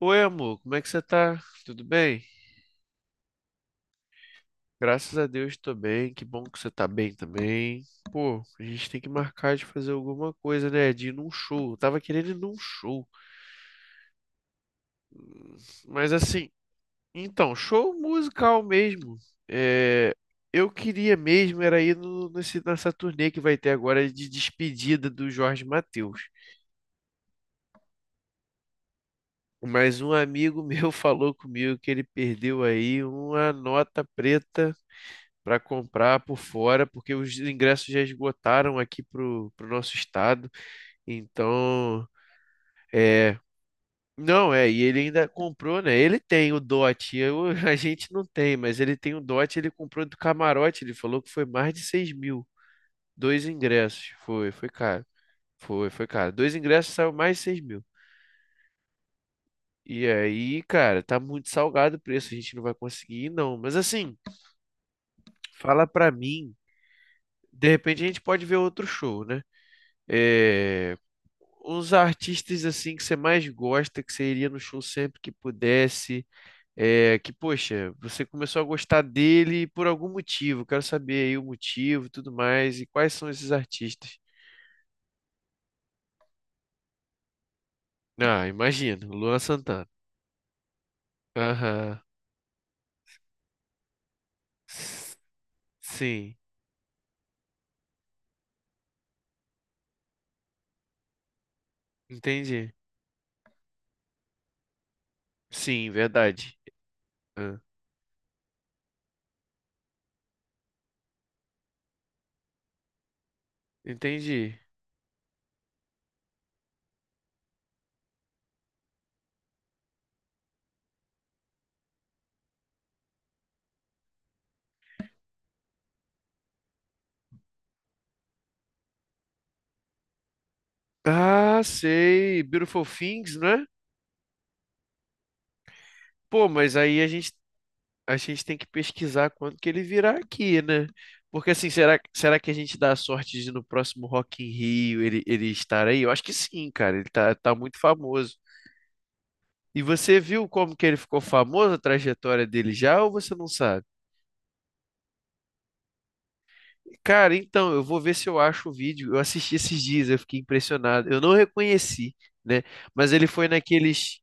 Oi, amor, como é que você tá? Tudo bem? Graças a Deus, tô bem, que bom que você tá bem também. Pô, a gente tem que marcar de fazer alguma coisa, né? De ir num show. Eu tava querendo ir num show. Mas assim, então, show musical mesmo. É, eu queria mesmo era ir no, nesse, nessa turnê que vai ter agora de despedida do Jorge Mateus. Mas um amigo meu falou comigo que ele perdeu aí uma nota preta para comprar por fora, porque os ingressos já esgotaram aqui pro nosso estado. Então, é. Não, é, e ele ainda comprou, né? Ele tem o dote, eu, a gente não tem, mas ele tem o dote, ele comprou do camarote, ele falou que foi mais de 6 mil, dois ingressos, foi caro, foi caro, dois ingressos saiu mais de 6 mil, e aí, cara, tá muito salgado o preço, a gente não vai conseguir ir, não. Mas assim, fala pra mim, de repente a gente pode ver outro show, né? É, os artistas assim que você mais gosta, que você iria no show sempre que pudesse, é, que poxa, você começou a gostar dele por algum motivo, quero saber aí o motivo, e tudo mais, e quais são esses artistas? Ah, imagino, Luan Santana. Aham. S- Sim, entendi. Sim, verdade. Ah, entendi. Ah, sei, Beautiful Things, né? Pô, mas aí a gente tem que pesquisar quando que ele virá aqui, né? Porque assim, será que a gente dá a sorte de no próximo Rock in Rio ele estar aí? Eu acho que sim, cara. Ele tá muito famoso. E você viu como que ele ficou famoso, a trajetória dele já, ou você não sabe? Cara, então, eu vou ver se eu acho o vídeo. Eu assisti esses dias, eu fiquei impressionado. Eu não reconheci, né? Mas ele foi naqueles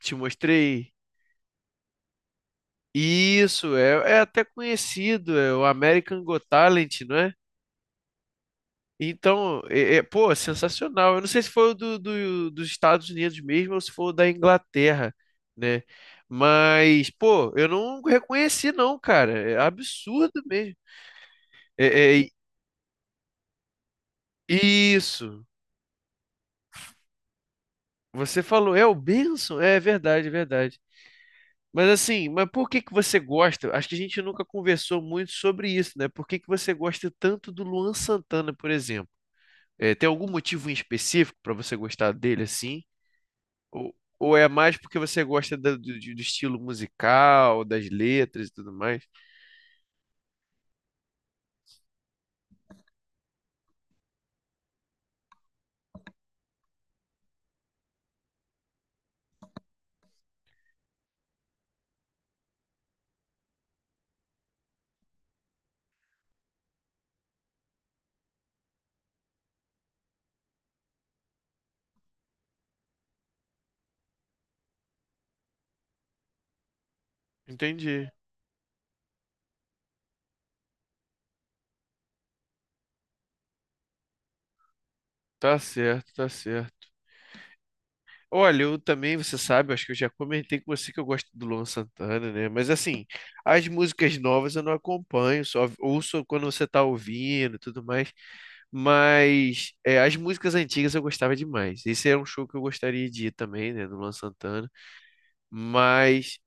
que te mostrei. Isso, é, é até conhecido, é o American Got Talent, não é? Então, pô, sensacional. Eu não sei se foi o do dos Estados Unidos mesmo ou se foi o da Inglaterra, né? Mas, pô, eu não reconheci, não, cara. É absurdo mesmo. É, é- isso. Você falou, é o Benson? É verdade, é verdade. Mas assim, mas por que que você gosta? Acho que a gente nunca conversou muito sobre isso, né? Por que que você gosta tanto do Luan Santana, por exemplo? É, tem algum motivo em específico para você gostar dele assim? Ou é mais porque você gosta do estilo musical, das letras e tudo mais? Entendi. Tá certo, tá certo. Olha, eu também, você sabe, acho que eu já comentei com você que eu gosto do Luan Santana, né? Mas assim, as músicas novas eu não acompanho, só ouço quando você tá ouvindo e tudo mais. Mas é, as músicas antigas eu gostava demais. Esse era um show que eu gostaria de ir também, né? Do Luan Santana. Mas,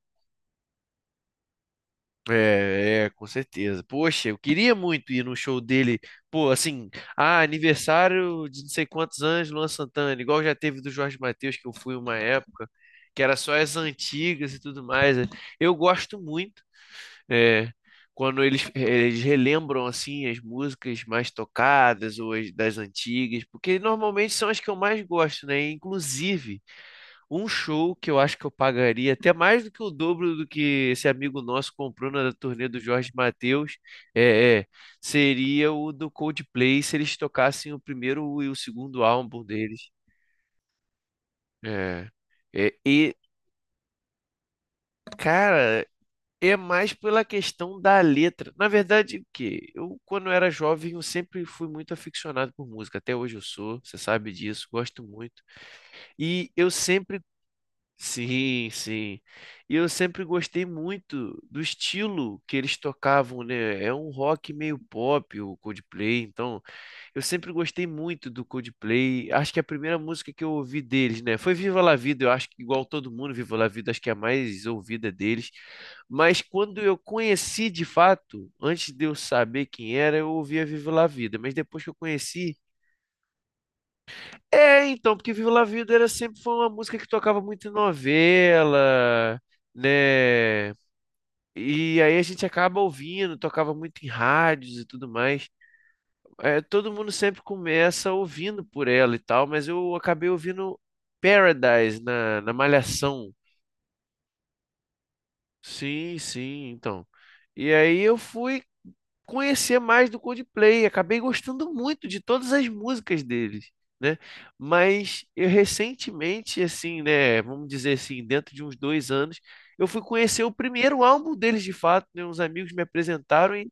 é, é, com certeza. Poxa, eu queria muito ir no show dele. Pô, assim, ah, aniversário de não sei quantos anos, Luan Santana, igual já teve do Jorge Mateus, que eu fui uma época, que era só as antigas e tudo mais, né? Eu gosto muito, é, quando eles relembram, assim, as músicas mais tocadas ou as das antigas, porque normalmente são as que eu mais gosto, né? Inclusive. Um show que eu acho que eu pagaria até mais do que o dobro do que esse amigo nosso comprou na turnê do Jorge Mateus, é, é, seria o do Coldplay se eles tocassem o primeiro e o segundo álbum deles. É, é, e, cara, é mais pela questão da letra. Na verdade, o que eu, quando era jovem, eu sempre fui muito aficionado por música. Até hoje eu sou, você sabe disso, gosto muito. E eu sempre Sim, sim. E eu sempre gostei muito do estilo que eles tocavam, né? É um rock meio pop, o Coldplay. Então, eu sempre gostei muito do Coldplay. Acho que a primeira música que eu ouvi deles, né? Foi Viva La Vida. Eu acho que, igual todo mundo, Viva La Vida, acho que é a mais ouvida deles. Mas quando eu conheci de fato, antes de eu saber quem era, eu ouvia Viva La Vida. Mas depois que eu conheci. É, então, porque Viva La Vida era sempre foi uma música que tocava muito em novela, né? E aí a gente acaba ouvindo, tocava muito em rádios e tudo mais. É, todo mundo sempre começa ouvindo por ela e tal, mas eu acabei ouvindo Paradise na Malhação. Sim, sim, então. E aí eu fui conhecer mais do Coldplay. Acabei gostando muito de todas as músicas deles, né? Mas eu recentemente, assim, né? Vamos dizer assim, dentro de uns 2 anos, eu fui conhecer o primeiro álbum deles de fato, né? Uns amigos me apresentaram e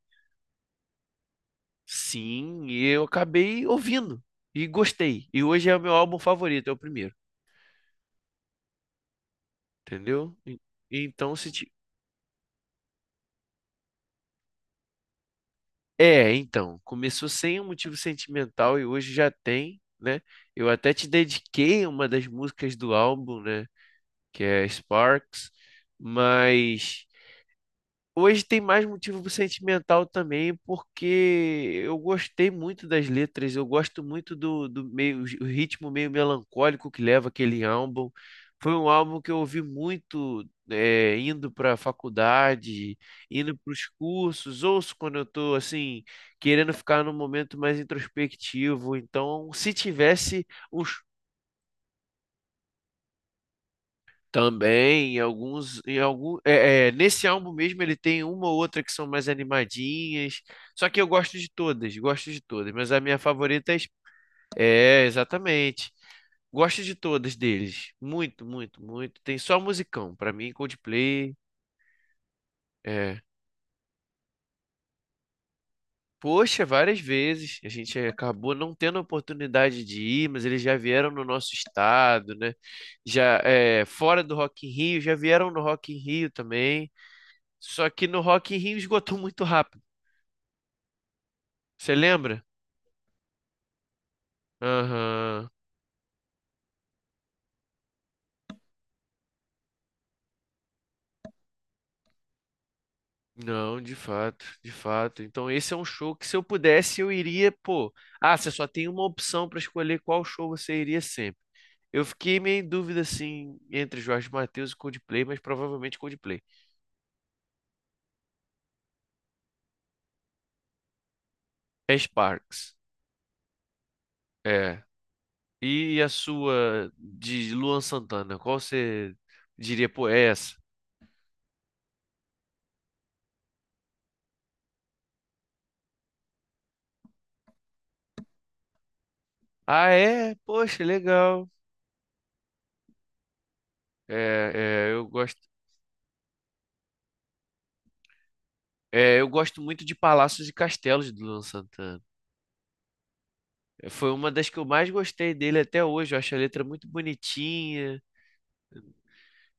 sim, eu acabei ouvindo e gostei. E hoje é o meu álbum favorito, é o primeiro, entendeu? E- Então, se É, então, começou sem um motivo sentimental e hoje já tem, né? Eu até te dediquei uma das músicas do álbum, né? Que é Sparks, mas hoje tem mais motivo sentimental também, porque eu gostei muito das letras, eu gosto muito do, do meio, o ritmo meio melancólico que leva aquele álbum. Foi um álbum que eu ouvi muito indo para a faculdade, indo para os cursos, ouço quando eu estou assim, querendo ficar num momento mais introspectivo. Então, se tivesse um Também, em alguns, em algum, é, é, nesse álbum mesmo ele tem uma ou outra que são mais animadinhas. Só que eu gosto de todas, mas a minha favorita é, é, exatamente. Gosto de todas deles, muito, muito, muito. Tem só musicão, pra mim Coldplay, é. Poxa, várias vezes a gente acabou não tendo a oportunidade de ir, mas eles já vieram no nosso estado, né? Já é, fora do Rock in Rio, já vieram no Rock in Rio também. Só que no Rock in Rio esgotou muito rápido. Você lembra? Aham. Não, de fato, de fato. Então esse é um show que se eu pudesse eu iria, pô. Ah, você só tem uma opção para escolher qual show você iria sempre. Eu fiquei meio em dúvida assim entre Jorge Mateus e Coldplay, mas provavelmente Coldplay. É Sparks. É. E a sua de Luan Santana, qual você diria, pô, é essa? Ah, é? Poxa, legal. É, é, eu gosto. É, eu gosto muito de Palácios e Castelos do Luan Santana. É, foi uma das que eu mais gostei dele até hoje. Eu acho a letra muito bonitinha.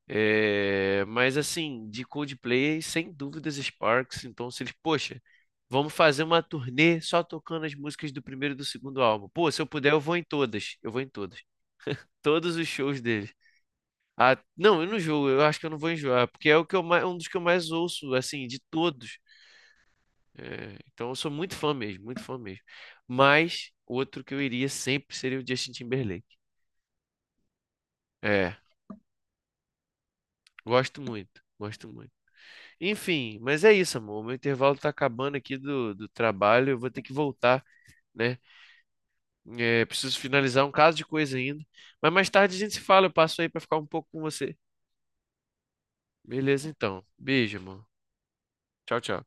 É, mas assim, de Coldplay, sem dúvidas Sparks. Então, se eles, poxa, vamos fazer uma turnê só tocando as músicas do primeiro e do segundo álbum. Pô, se eu puder, eu vou em todas. Eu vou em todas. Todos os shows dele. Ah, não, eu não jogo, eu acho que eu não vou enjoar, porque é o que eu mais, um dos que eu mais ouço, assim, de todos. É, então eu sou muito fã mesmo, muito fã mesmo. Mas outro que eu iria sempre seria o Justin Timberlake. É, gosto muito, gosto muito. Enfim, mas é isso, amor. O meu intervalo tá acabando aqui do trabalho, eu vou ter que voltar, né? É, preciso finalizar um caso de coisa ainda. Mas mais tarde a gente se fala, eu passo aí pra ficar um pouco com você. Beleza, então. Beijo, amor. Tchau, tchau.